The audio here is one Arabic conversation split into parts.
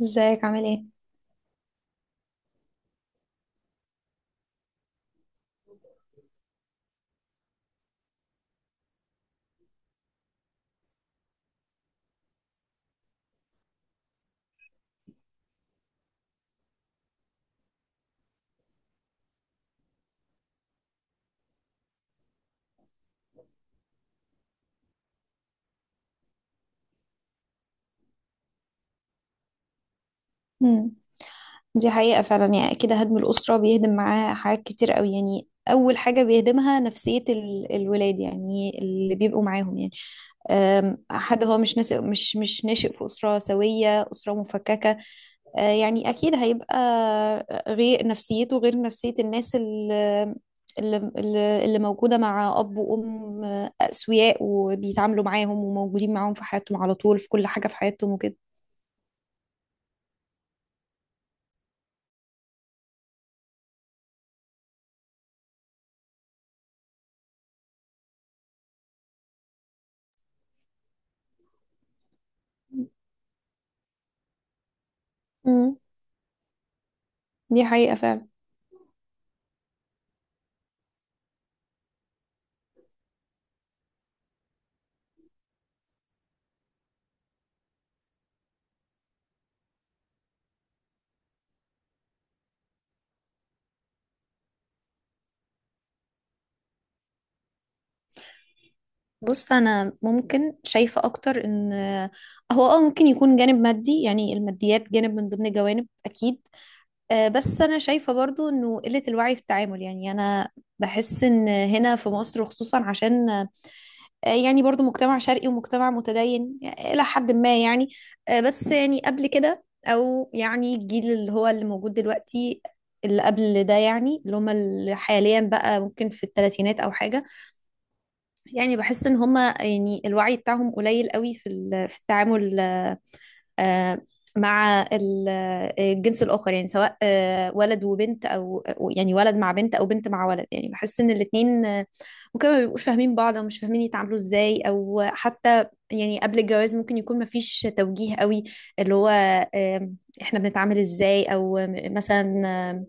ازيك عامل ايه؟ امم. دي حقيقة فعلا، يعني كده هدم الأسرة بيهدم معاه حاجات كتير قوي. يعني أول حاجة بيهدمها نفسية الولاد، يعني اللي بيبقوا معاهم. يعني أم، حد هو مش ناشئ في أسرة سوية، أسرة مفككة. يعني أكيد هيبقى غير نفسيته، غير نفسية الناس اللي موجودة مع أب وأم أسوياء، وبيتعاملوا معاهم وموجودين معاهم في حياتهم على طول، في كل حاجة في حياتهم وكده. مم. دي حقيقة فعلا. بص، انا ممكن شايفه اكتر ان هو ممكن يكون جانب مادي، يعني الماديات جانب من ضمن جوانب، اكيد. بس انا شايفه برضو انه قله الوعي في التعامل. يعني انا بحس ان هنا في مصر خصوصا عشان يعني برضو مجتمع شرقي ومجتمع متدين الى حد ما. يعني بس يعني قبل كده، او يعني الجيل اللي هو اللي موجود دلوقتي، اللي قبل ده، يعني اللي هم اللي حاليا بقى ممكن في الثلاثينات او حاجه. يعني بحس ان هما يعني الوعي بتاعهم قليل قوي في في التعامل. آه، مع الجنس الآخر، يعني سواء ولد وبنت، أو يعني ولد مع بنت أو بنت مع ولد. يعني بحس إن الاتنين ممكن ما بيبقوش فاهمين بعض، أو مش فاهمين يتعاملوا إزاي، أو حتى يعني قبل الجواز ممكن يكون مفيش توجيه قوي. اللي هو آم، إحنا بنتعامل إزاي، أو مثلا. آم،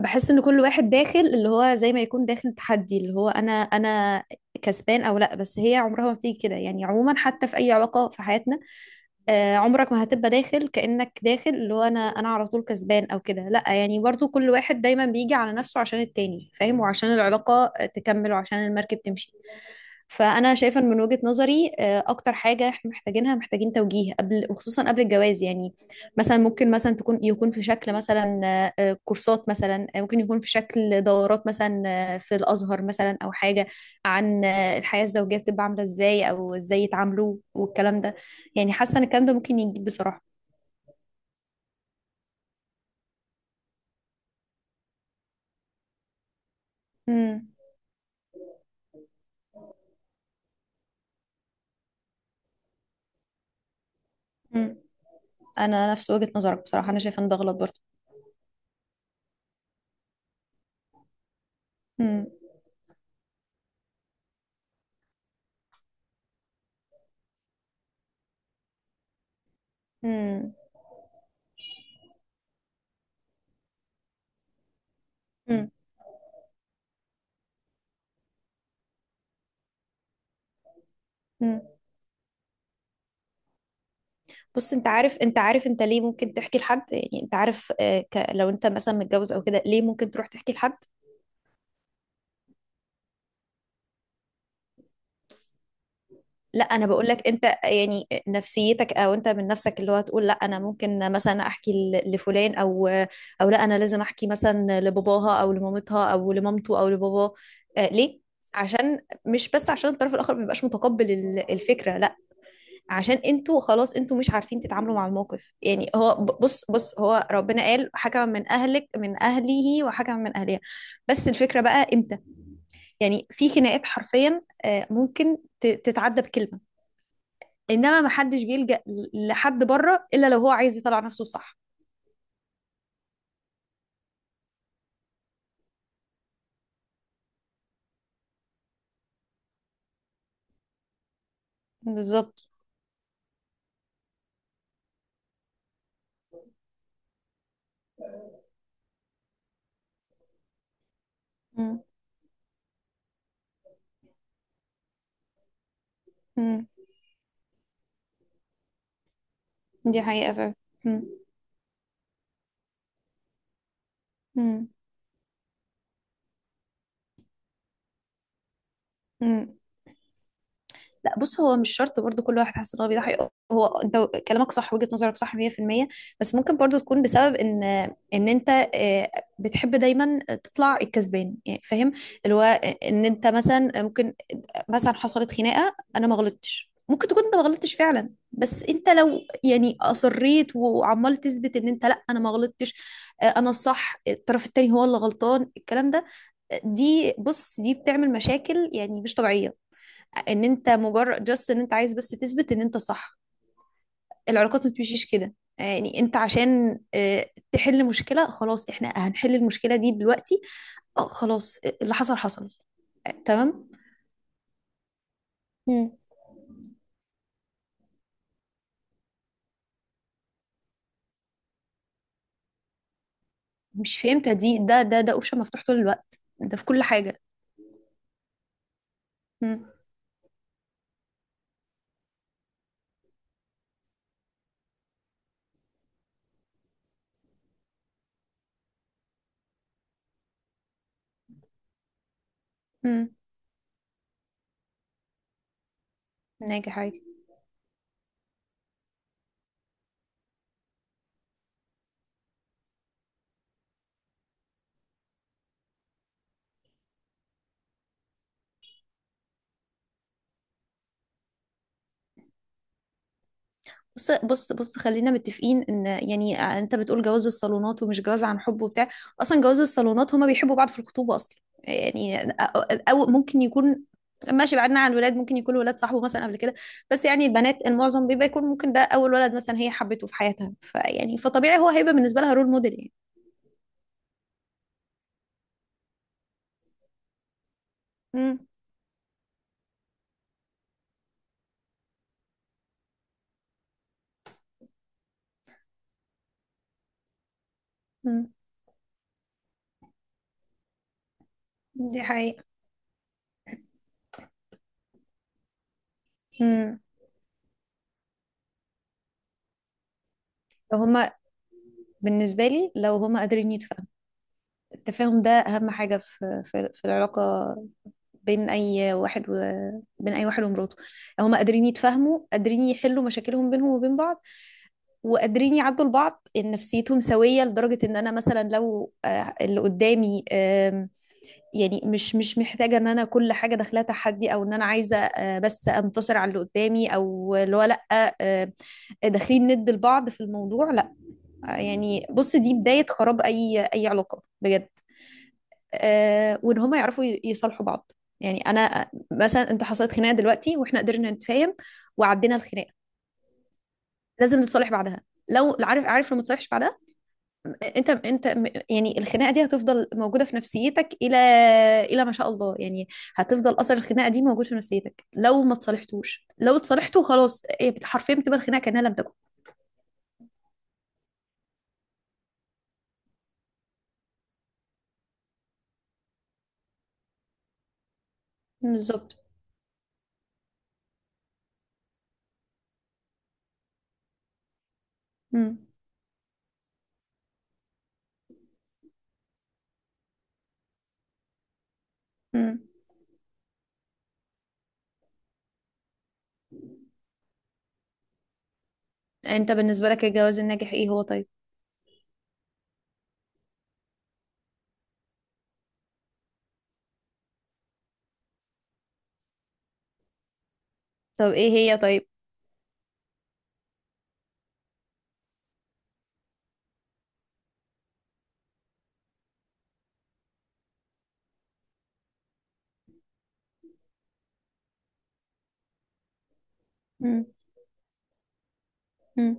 بحس إن كل واحد داخل اللي هو زي ما يكون داخل تحدي، اللي هو أنا كسبان أو لأ. بس هي عمرها ما بتيجي كده، يعني عموما حتى في أي علاقة في حياتنا. عمرك ما هتبقى داخل كأنك داخل اللي هو انا على طول كسبان او كده، لا. يعني برضو كل واحد دايما بيجي على نفسه عشان التاني، فاهم، وعشان العلاقة تكمل وعشان المركب تمشي. فانا شايفة إن من وجهة نظري اكتر حاجة احنا محتاجينها، محتاجين توجيه قبل، وخصوصا قبل الجواز. يعني مثلا ممكن مثلا يكون في شكل مثلا كورسات، مثلا ممكن يكون في شكل دورات مثلا، في الازهر مثلا، او حاجة عن الحياة الزوجية، بتبقى عاملة ازاي، او ازاي يتعاملوا والكلام ده. يعني حاسة ان الكلام ده ممكن يجيب بصراحة. امم. امم. انا نفس وجهة نظرك بصراحة، انا شايفة ان ده غلط برضه. امم. امم. امم. امم. بص، انت عارف انت ليه ممكن تحكي لحد؟ يعني انت عارف، لو انت مثلا متجوز او كده، ليه ممكن تروح تحكي لحد؟ لا، انا بقول لك انت يعني نفسيتك، او انت من نفسك، اللي هو تقول لا، انا ممكن مثلا احكي لفلان، او او لا انا لازم احكي مثلا لباباها او لمامتها او لمامته او لباباه. ليه؟ عشان مش بس عشان الطرف الاخر ما بيبقاش متقبل الفكره، لا. عشان انتوا خلاص انتوا مش عارفين تتعاملوا مع الموقف. يعني هو بص هو ربنا قال حكم من اهلك، من اهله وحكم من اهلها. بس الفكره بقى امتى؟ يعني في خناقات حرفيا ممكن تتعدى بكلمه. انما ما حدش بيلجأ لحد بره الا لو هو عايز يطلع نفسه، صح؟ بالظبط. مم. مم. دي حقيقة فعلا. مم. مم. مم. لا، بص، هو مش شرط برضو كل واحد حاسس ان هو بيضحي. هو انت كلامك صح، وجهة نظرك صح 100%. بس ممكن برضو تكون بسبب ان انت آه، بتحب دايما تطلع الكسبان، يعني فاهم، اللي هو ان انت مثلا ممكن مثلا حصلت خناقه، انا ما غلطتش، ممكن تكون انت ما غلطتش فعلا. بس انت لو يعني اصريت وعمال تثبت ان انت لا انا ما غلطتش، انا الصح، الطرف التاني هو اللي غلطان الكلام ده، دي، بص، دي بتعمل مشاكل يعني مش طبيعيه، ان انت مجرد جاست ان انت عايز بس تثبت ان انت صح. العلاقات ما بتمشيش كده. يعني انت عشان تحل مشكله خلاص، احنا هنحل المشكله دي دلوقتي، خلاص اللي حصل حصل، تمام. مم. مش فهمتها دي. ده اوبشن مفتوح طول الوقت ده في كل حاجة. مم. مم. ناجح عادي. بص خلينا متفقين ان يعني انت بتقول جواز الصالونات ومش جواز عن حب وبتاع. اصلا جواز الصالونات هما بيحبوا بعض في الخطوبة اصلا. يعني او ممكن يكون ماشي، بعدنا عن الولاد، ممكن يكون ولاد صاحبه مثلا قبل كده. بس يعني البنات المعظم بيبقى يكون ممكن ده اول ولد مثلا هي حبته في حياتها، فيعني فطبيعي هو هيبقى بالنسبة لها رول موديل يعني. مم. مم. دي حقيقة. مم. لو هما بالنسبة لي لو هما قادرين يتفاهموا. التفاهم ده اهم حاجه في العلاقه، بين اي واحد و... بين اي واحد ومراته. هما قادرين يتفاهموا، قادرين يحلوا مشاكلهم بينهم وبين بعض، وقادرين يعدوا لبعض، ان نفسيتهم سويه، لدرجه ان انا مثلا لو اللي قدامي يعني مش محتاجه ان انا كل حاجه داخلها تحدي، او ان انا عايزه بس انتصر على اللي قدامي، او اللي هو لا، آه، داخلين ند لبعض في الموضوع، لا. يعني بص، دي بدايه خراب اي اي علاقه بجد. وان هم يعرفوا يصالحوا بعض. يعني انا مثلا انت حصلت خناقه دلوقتي، واحنا قدرنا نتفاهم وعدينا الخناقه، لازم نتصالح بعدها. لو عارف، عارف لو ما تصالحش بعدها انت انت، يعني الخناقه دي هتفضل موجوده في نفسيتك، الى ما شاء الله. يعني هتفضل اثر الخناقه دي موجود في نفسيتك لو ما تصالحتوش. لو اتصالحتوا خلاص، حرفيا بتبقى الخناقه كانها لم تكن. بالظبط. مم. مم. انت بالنسبه لك الجواز الناجح ايه هو، طيب؟ طب ايه هي طيب؟ مم. مم.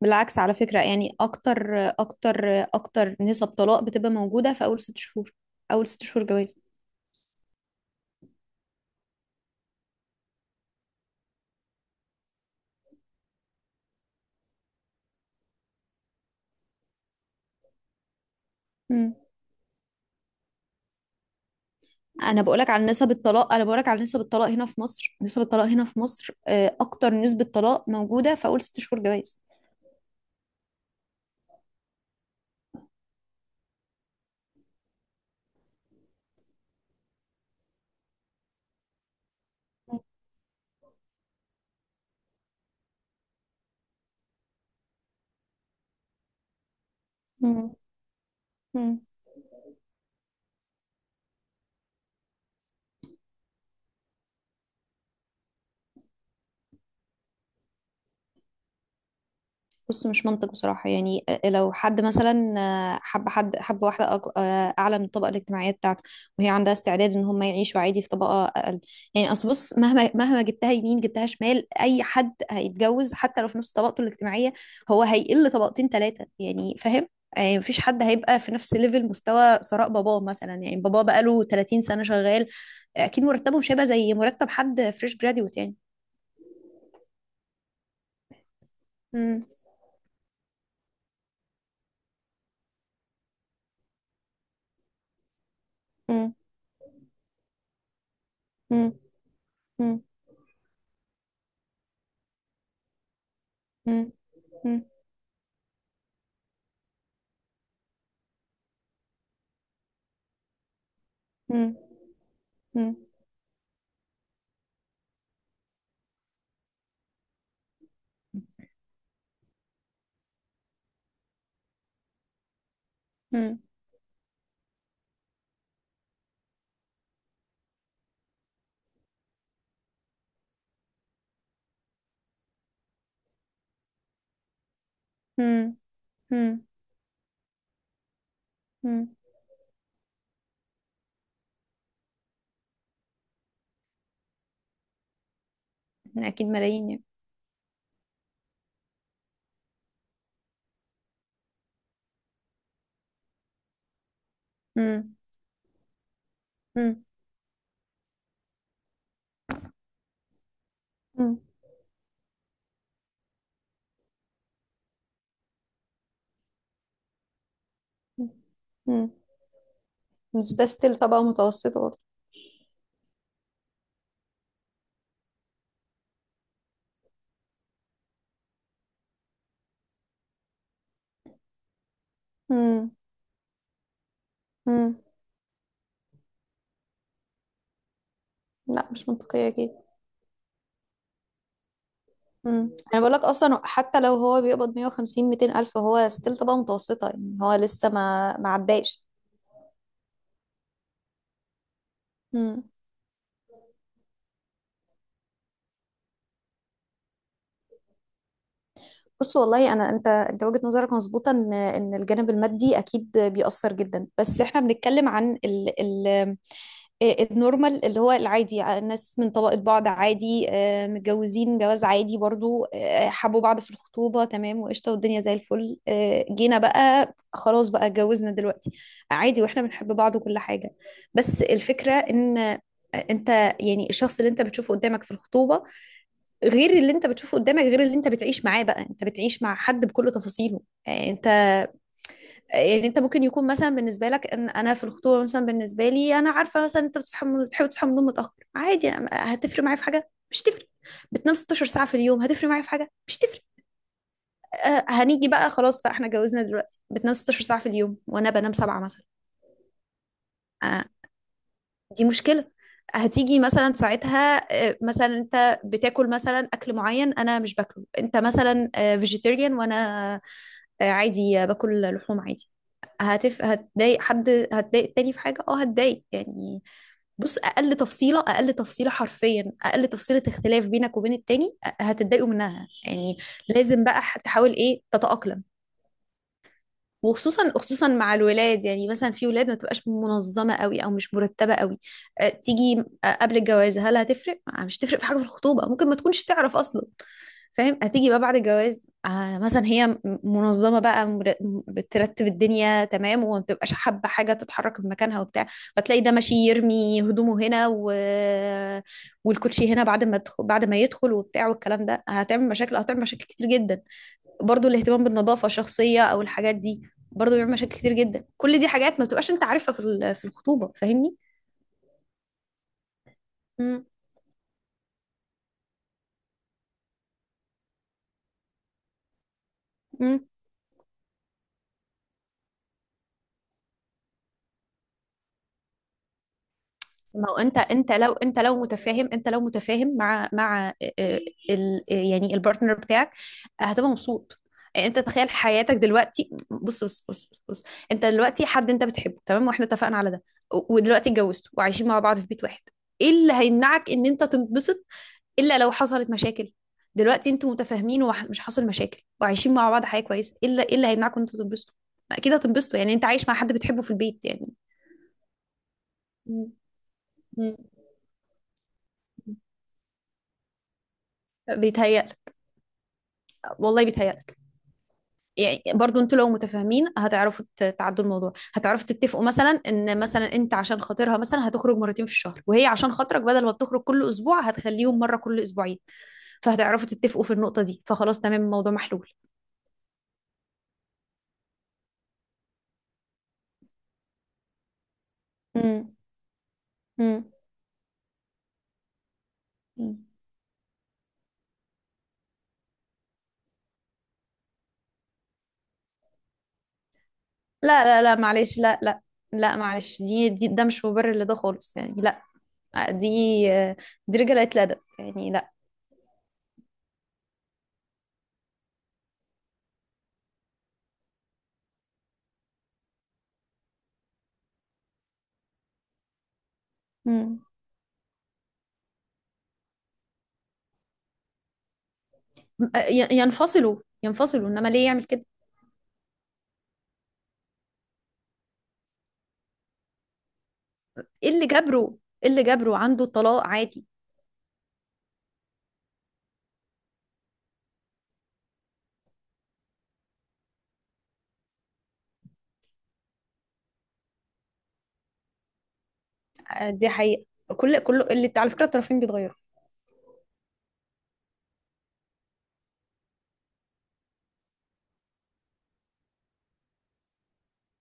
بالعكس على فكرة، يعني أكتر أكتر أكتر نسب طلاق بتبقى موجودة في أول 6 شهور، أول ست شهور جواز. مم. أنا بقولك على نسب الطلاق هنا في مصر أكتر نسبة طلاق موجودة في أول ست شهور جواز. مم. مم. بص، مش منطق بصراحة. يعني لو حد مثلا حب، حد حب واحدة أعلى من الطبقة الاجتماعية بتاعته، وهي عندها استعداد إن هم يعيشوا عادي في طبقة أقل. يعني أصل بص، مهما جبتها يمين جبتها شمال، أي حد هيتجوز حتى لو في نفس طبقته الاجتماعية، هو هيقل طبقتين ثلاثة يعني، فاهم؟ يعني مفيش حد هيبقى في نفس ليفل، مستوى ثراء باباه مثلا. يعني باباه بقاله 30 سنة شغال، أكيد مرتبه مش هيبقى زي مرتب حد فريش جراديوت يعني. امم. امم. امم. امم. امم. إمم. إمم. مم. مم. مم. مم. مم. احنا اكيد ملايين يعني. مم. مم. مم. مم. بس ده ستيل طبقة متوسطة برضه. مم. مم. لا، مش منطقية اكيد. مم. انا بقول لك اصلا حتى لو هو بيقبض 150 200 الف، هو ستيل طبقة متوسطة، يعني هو لسه ما عداش. مم. بص والله، انا انت وجهة نظرك مظبوطة ان الجانب المادي اكيد بيأثر جدا، بس احنا بنتكلم عن ال... ال... آه، النورمال، اللي هو العادي، الناس من طبقة بعض عادي، متجوزين جواز عادي برضو، حبوا بعض في الخطوبة تمام وقشطة والدنيا زي الفل، جينا بقى خلاص بقى اتجوزنا دلوقتي عادي، واحنا بنحب بعض وكل حاجة. بس الفكرة ان آه، انت يعني الشخص اللي انت بتشوفه قدامك في الخطوبة، غير اللي انت بتشوفه قدامك، غير اللي انت بتعيش معاه. بقى انت بتعيش مع حد بكل تفاصيله. آه، انت يعني انت ممكن يكون مثلا بالنسبه لك، ان انا في الخطوبه مثلا بالنسبه لي انا عارفه مثلا انت بتصحى بتحب تصحى من النوم متاخر عادي. هتفرق معايا في حاجه، مش تفرق. بتنام 16 ساعه في اليوم، هتفرق معايا في حاجه، مش تفرق. هنيجي بقى خلاص بقى احنا اتجوزنا دلوقتي، بتنام 16 ساعه في اليوم وانا بنام 7 مثلا. آه دي مشكله. هتيجي مثلا ساعتها مثلا انت بتاكل مثلا اكل معين انا مش باكله، انت مثلا فيجيتيريان وانا عادي باكل لحوم عادي. هتضايق، هتضايق التاني في حاجة، هتضايق يعني. بص، اقل تفصيله، اقل تفصيله حرفيا، اقل تفصيله اختلاف بينك وبين التاني هتتضايقوا منها يعني. لازم بقى تحاول ايه؟ تتأقلم، وخصوصا خصوصا مع الولاد. يعني مثلا في ولاد ما تبقاش منظمه قوي او مش مرتبه قوي. تيجي قبل الجواز هل هتفرق مش تفرق في حاجه؟ في الخطوبه ممكن ما تكونش تعرف اصلا، فاهم؟ هتيجي بقى بعد الجواز، آه، مثلا هي منظمه بقى بترتب الدنيا تمام، وما بتبقاش حابه حاجه تتحرك من مكانها وبتاع، فتلاقي ده ماشي يرمي هدومه هنا و...، والكوتشي هنا بعد ما تدخل، بعد ما يدخل وبتاع والكلام ده، هتعمل مشاكل، هتعمل مشاكل كتير جدا. برضو الاهتمام بالنظافة الشخصية او الحاجات دي برضو بيعمل مشاكل كتير جدا. كل دي حاجات ما بتبقاش انت عارفها في في الخطوبة، فاهمني؟ مم. مم. ما هو انت لو متفاهم مع يعني البارتنر بتاعك، هتبقى مبسوط. يعني انت تخيل حياتك دلوقتي. بص. انت دلوقتي حد انت بتحبه تمام، واحنا اتفقنا على ده، ودلوقتي اتجوزتوا وعايشين مع بعض في بيت واحد. ايه اللي هيمنعك ان انت تنبسط الا لو حصلت مشاكل؟ دلوقتي انتوا متفاهمين ومش حاصل مشاكل وعايشين مع بعض حياه كويسه، الا ايه اللي هيمنعكم ان انتوا تنبسطوا؟ ما اكيد هتنبسطوا، يعني انت عايش مع حد بتحبه في البيت يعني. مم. مم. بيتهيألك. والله بيتهيألك. يعني برضو انتوا لو متفاهمين هتعرفوا تعدوا الموضوع، هتعرفوا تتفقوا مثلا ان مثلا انت عشان خاطرها مثلا هتخرج مرتين في الشهر، وهي عشان خاطرك بدل ما بتخرج كل اسبوع هتخليهم مره كل اسبوعين. فهتعرفوا تتفقوا في النقطه دي، فخلاص تمام الموضوع محلول. مم. مم. لا لا لا، معلش، لا لا. لا معلش، دي, دي ده مش مبرر لده خالص يعني، لا. دي رجالة الأدب يعني، لا. مم. ينفصلوا، ينفصلوا إنما ليه يعمل كده؟ إيه اللي جبره؟ عنده طلاق عادي. دي حقيقة. كل اللي على فكرة الطرفين بيتغيروا.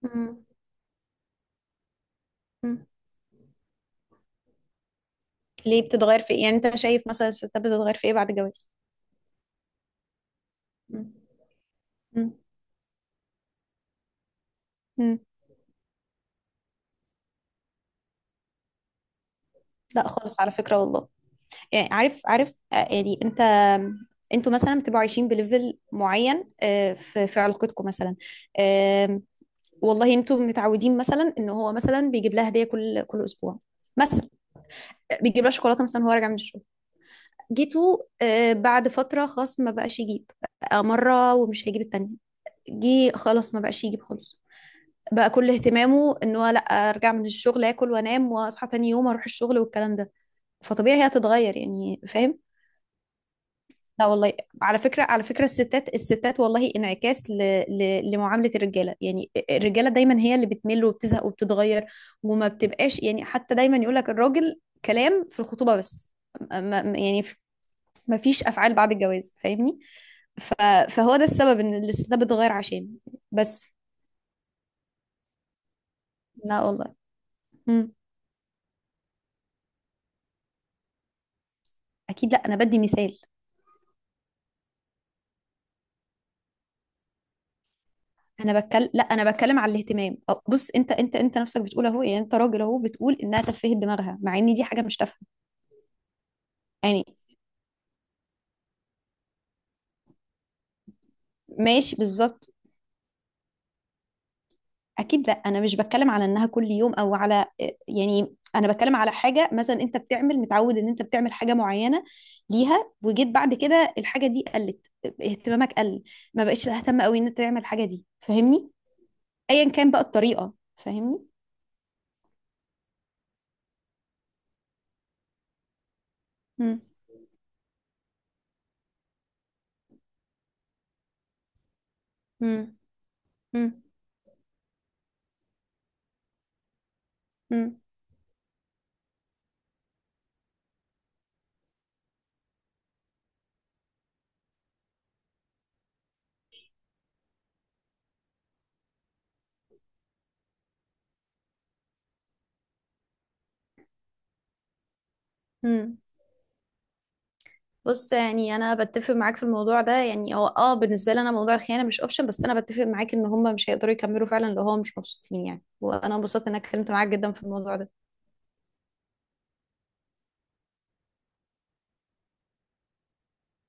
مم. مم. ليه بتتغير في إيه؟ يعني أنت شايف مثلا الستات بتتغير في إيه بعد الجواز؟ مم. مم. مم. لا خالص على فكرة، والله. يعني عارف، يعني انت، انتوا مثلا بتبقوا عايشين بليفل معين في علاقتكم مثلا، آم، والله انتوا متعودين مثلا ان هو مثلا بيجيب لها هديه كل اسبوع مثلا، بيجيب لها شوكولاته مثلا وهو راجع من الشغل. جيتوا بعد فتره خلاص ما بقاش يجيب، بقى مره ومش هيجيب التانيه، جه خلاص ما بقاش يجيب خالص، بقى كل اهتمامه ان هو لا ارجع من الشغل اكل وانام واصحى تاني يوم اروح الشغل والكلام ده، فطبيعي هي هتتغير يعني، فاهم؟ لا والله. على فكرة، على فكرة الستات، الستات والله انعكاس لمعاملة الرجالة. يعني الرجالة دايما هي اللي بتمل وبتزهق وبتتغير، وما بتبقاش يعني. حتى دايما يقولك الراجل، كلام في الخطوبة بس، ما... ما- يعني ف- ما فيش أفعال بعد الجواز، فاهمني؟ ف... فهو ده السبب ان الستات بتتغير، عشان بس. لا والله. مم. اكيد لا، انا بدي مثال. انا بتكلم لا، انا بتكلم على الاهتمام. أو بص، انت نفسك بتقول اهو، يعني انت راجل اهو، بتقول انها تفهت دماغها، مع ان دي حاجه مش تافهه يعني. ماشي، بالظبط. اكيد لا، انا مش بتكلم على انها كل يوم، او على. يعني انا بتكلم على حاجه مثلا انت بتعمل، متعود ان انت بتعمل حاجه معينه ليها، وجيت بعد كده الحاجه دي قلت، اهتمامك قل، ما بقتش تهتم قوي ان انت تعمل الحاجه دي، فاهمني؟ ايا كان بقى الطريقه، فاهمني؟ امم. امم. امم. بص، يعني انا بتفق معاك في الموضوع ده. يعني هو اه، بالنسبه لي انا موضوع الخيانه مش اوبشن، بس انا بتفق معاك ان هم مش هيقدروا يكملوا فعلا لو هم مش مبسوطين يعني. وانا انبسطت ان انا اتكلمت معاك جدا في الموضوع ده.